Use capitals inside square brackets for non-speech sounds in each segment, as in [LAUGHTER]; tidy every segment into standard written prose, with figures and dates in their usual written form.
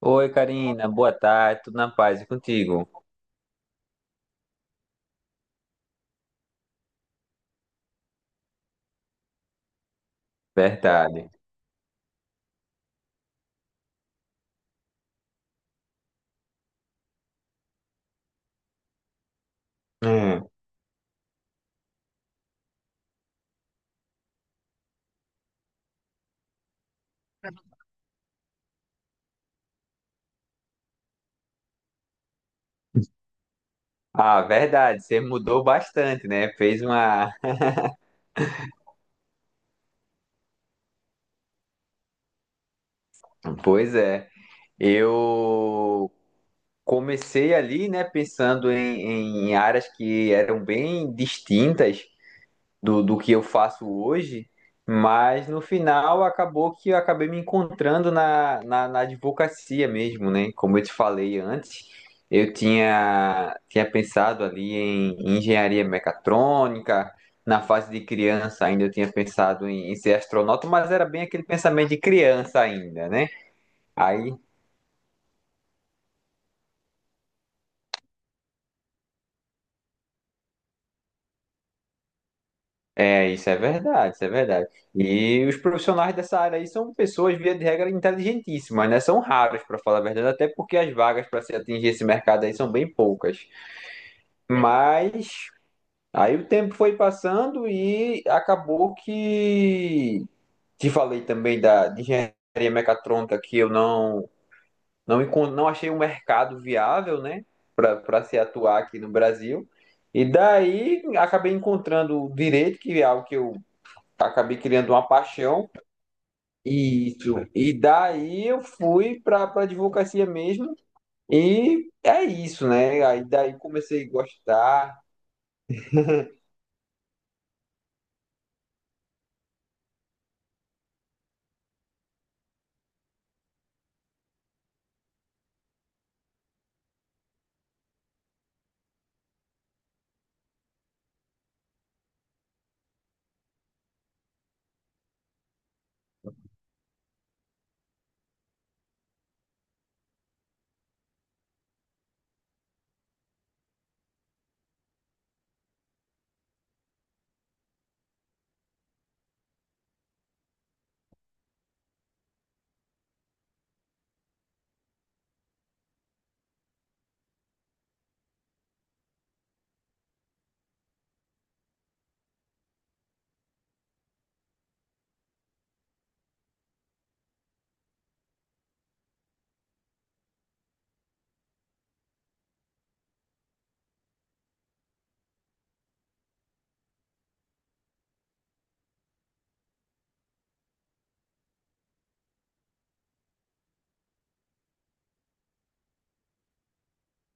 Oi, Karina, boa tarde, tudo na paz e contigo? Verdade. Hum. Ah, verdade, você mudou bastante, né? Fez uma. Pois é, eu comecei ali, né, pensando em áreas que eram bem distintas do que eu faço hoje, mas no final acabou que eu acabei me encontrando na advocacia mesmo, né? Como eu te falei antes, eu tinha pensado ali em engenharia mecatrônica, na fase de criança ainda eu tinha pensado em ser astronauta, mas era bem aquele pensamento de criança ainda, né? Aí é, isso é verdade, isso é verdade. E os profissionais dessa área aí são pessoas, via de regra, inteligentíssimas, né? São raros, para falar a verdade, até porque as vagas para se atingir esse mercado aí são bem poucas. Mas aí o tempo foi passando e acabou que te falei também da de engenharia mecatrônica que eu não não achei um mercado viável, né, para se atuar aqui no Brasil. E daí acabei encontrando o direito, que é algo que eu acabei criando uma paixão. Isso. E daí eu fui para advocacia mesmo. E é isso, né? Aí daí comecei a gostar.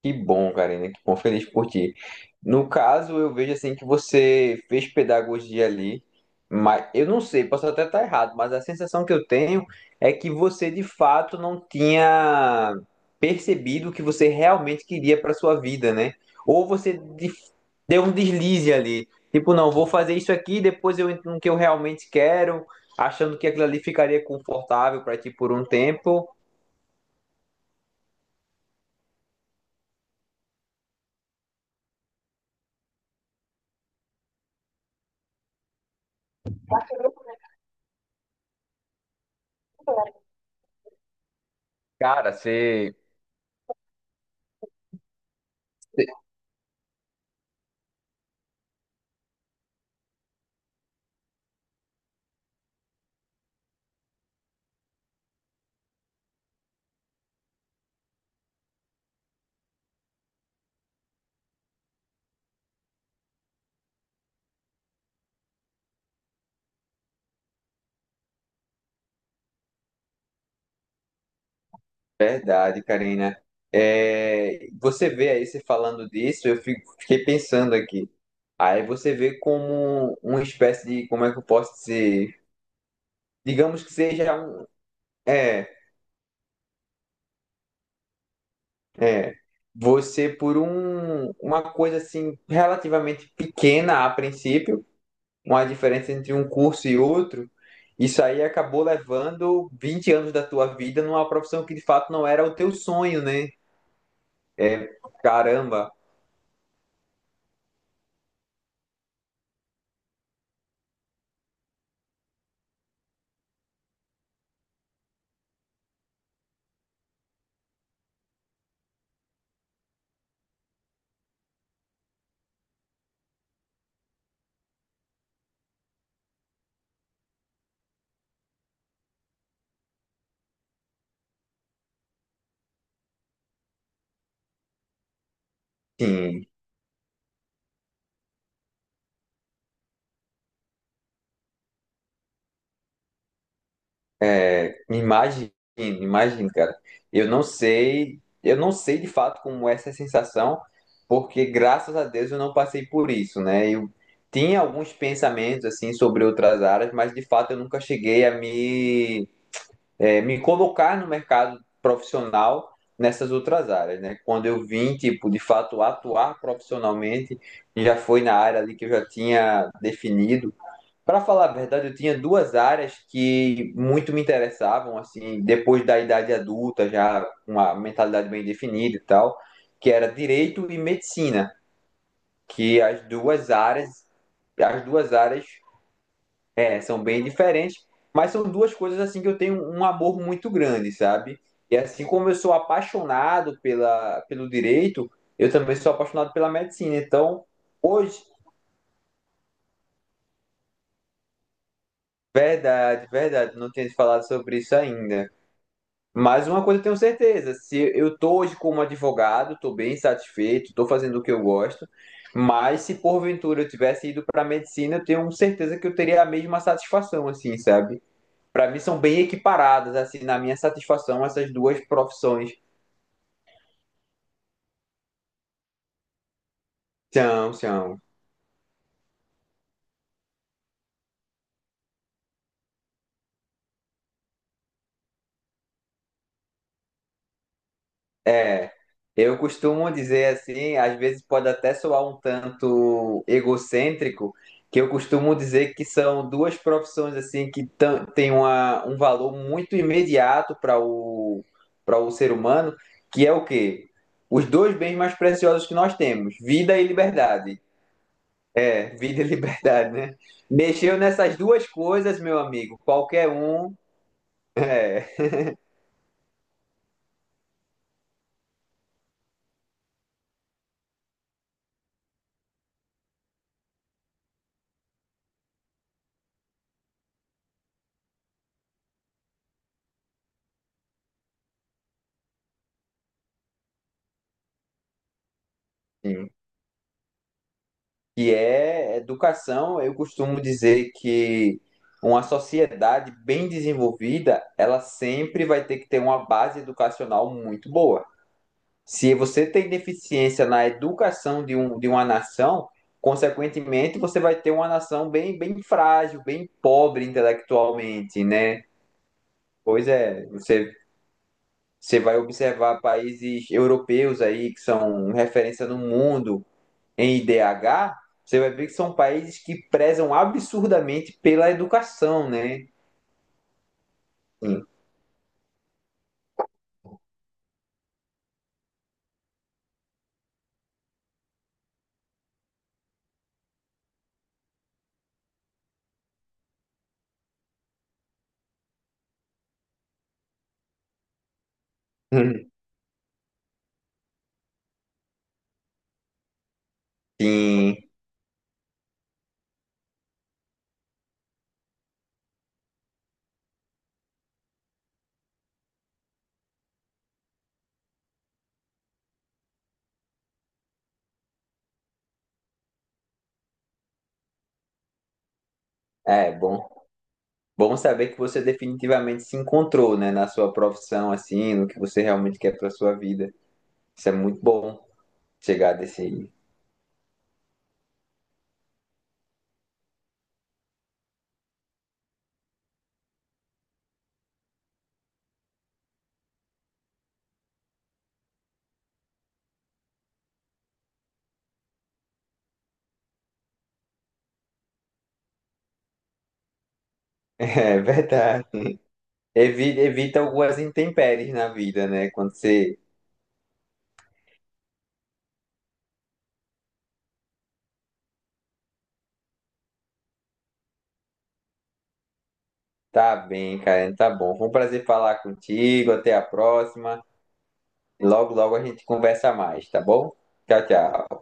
Que bom, Karina, que bom, feliz por ti. No caso, eu vejo assim que você fez pedagogia ali, mas eu não sei, posso até estar errado, mas a sensação que eu tenho é que você de fato não tinha percebido o que você realmente queria para sua vida, né? Ou você de- Deu um deslize ali, tipo, não, vou fazer isso aqui, depois eu entro no que eu realmente quero, achando que aquilo ali ficaria confortável para ti por um tempo. Cara, você verdade, Karina. É, você vê aí, você falando disso, eu fiquei pensando aqui. Aí você vê como uma espécie de, como é que eu posso dizer? Digamos que seja um, é, é, você por um, uma coisa assim relativamente pequena a princípio, uma diferença entre um curso e outro, isso aí acabou levando 20 anos da tua vida numa profissão que de fato não era o teu sonho, né? Caramba. Sim, é, imagino, imagino, cara. Eu não sei de fato como é essa sensação, porque graças a Deus eu não passei por isso, né? Eu tinha alguns pensamentos assim sobre outras áreas, mas de fato eu nunca cheguei a me, me colocar no mercado profissional nessas outras áreas, né? Quando eu vim, tipo, de fato atuar profissionalmente, já foi na área ali que eu já tinha definido. Para falar a verdade, eu tinha duas áreas que muito me interessavam, assim, depois da idade adulta, já com uma mentalidade bem definida e tal, que era direito e medicina, que as duas áreas é, são bem diferentes, mas são duas coisas assim que eu tenho um amor muito grande, sabe? E assim como eu sou apaixonado pelo direito, eu também sou apaixonado pela medicina. Então, hoje, verdade, verdade, não tinha te falado sobre isso ainda. Mas uma coisa eu tenho certeza, se eu tô hoje como advogado, tô bem satisfeito, tô fazendo o que eu gosto, mas se porventura eu tivesse ido para medicina, eu tenho certeza que eu teria a mesma satisfação, assim, sabe? Para mim são bem equiparadas, assim, na minha satisfação, essas duas profissões. São, são. É, eu costumo dizer assim, às vezes pode até soar um tanto egocêntrico, que eu costumo dizer que são duas profissões assim que têm um valor muito imediato para o, para o ser humano, que é o quê? Os dois bens mais preciosos que nós temos, vida e liberdade. É, [LAUGHS] vida e liberdade, né? Mexeu nessas duas coisas, meu amigo, qualquer um, é. Que é educação. Eu costumo dizer que uma sociedade bem desenvolvida, ela sempre vai ter que ter uma base educacional muito boa. Se você tem deficiência na educação de, um, de uma nação, consequentemente você vai ter uma nação bem, bem frágil, bem pobre intelectualmente, né? Pois é, você, você vai observar países europeus aí que são referência no mundo, em IDH, você vai ver que são países que prezam absurdamente pela educação, né? Sim. Sim. É, bom. Bom saber que você definitivamente se encontrou, né, na sua profissão, assim, no que você realmente quer para sua vida. Isso é muito bom chegar desse. [LAUGHS] É verdade. Evita, evita algumas intempéries na vida, né? Quando você tá bem, Karen, tá bom. Foi um prazer falar contigo. Até a próxima. Logo, logo a gente conversa mais, tá bom? Tchau, tchau.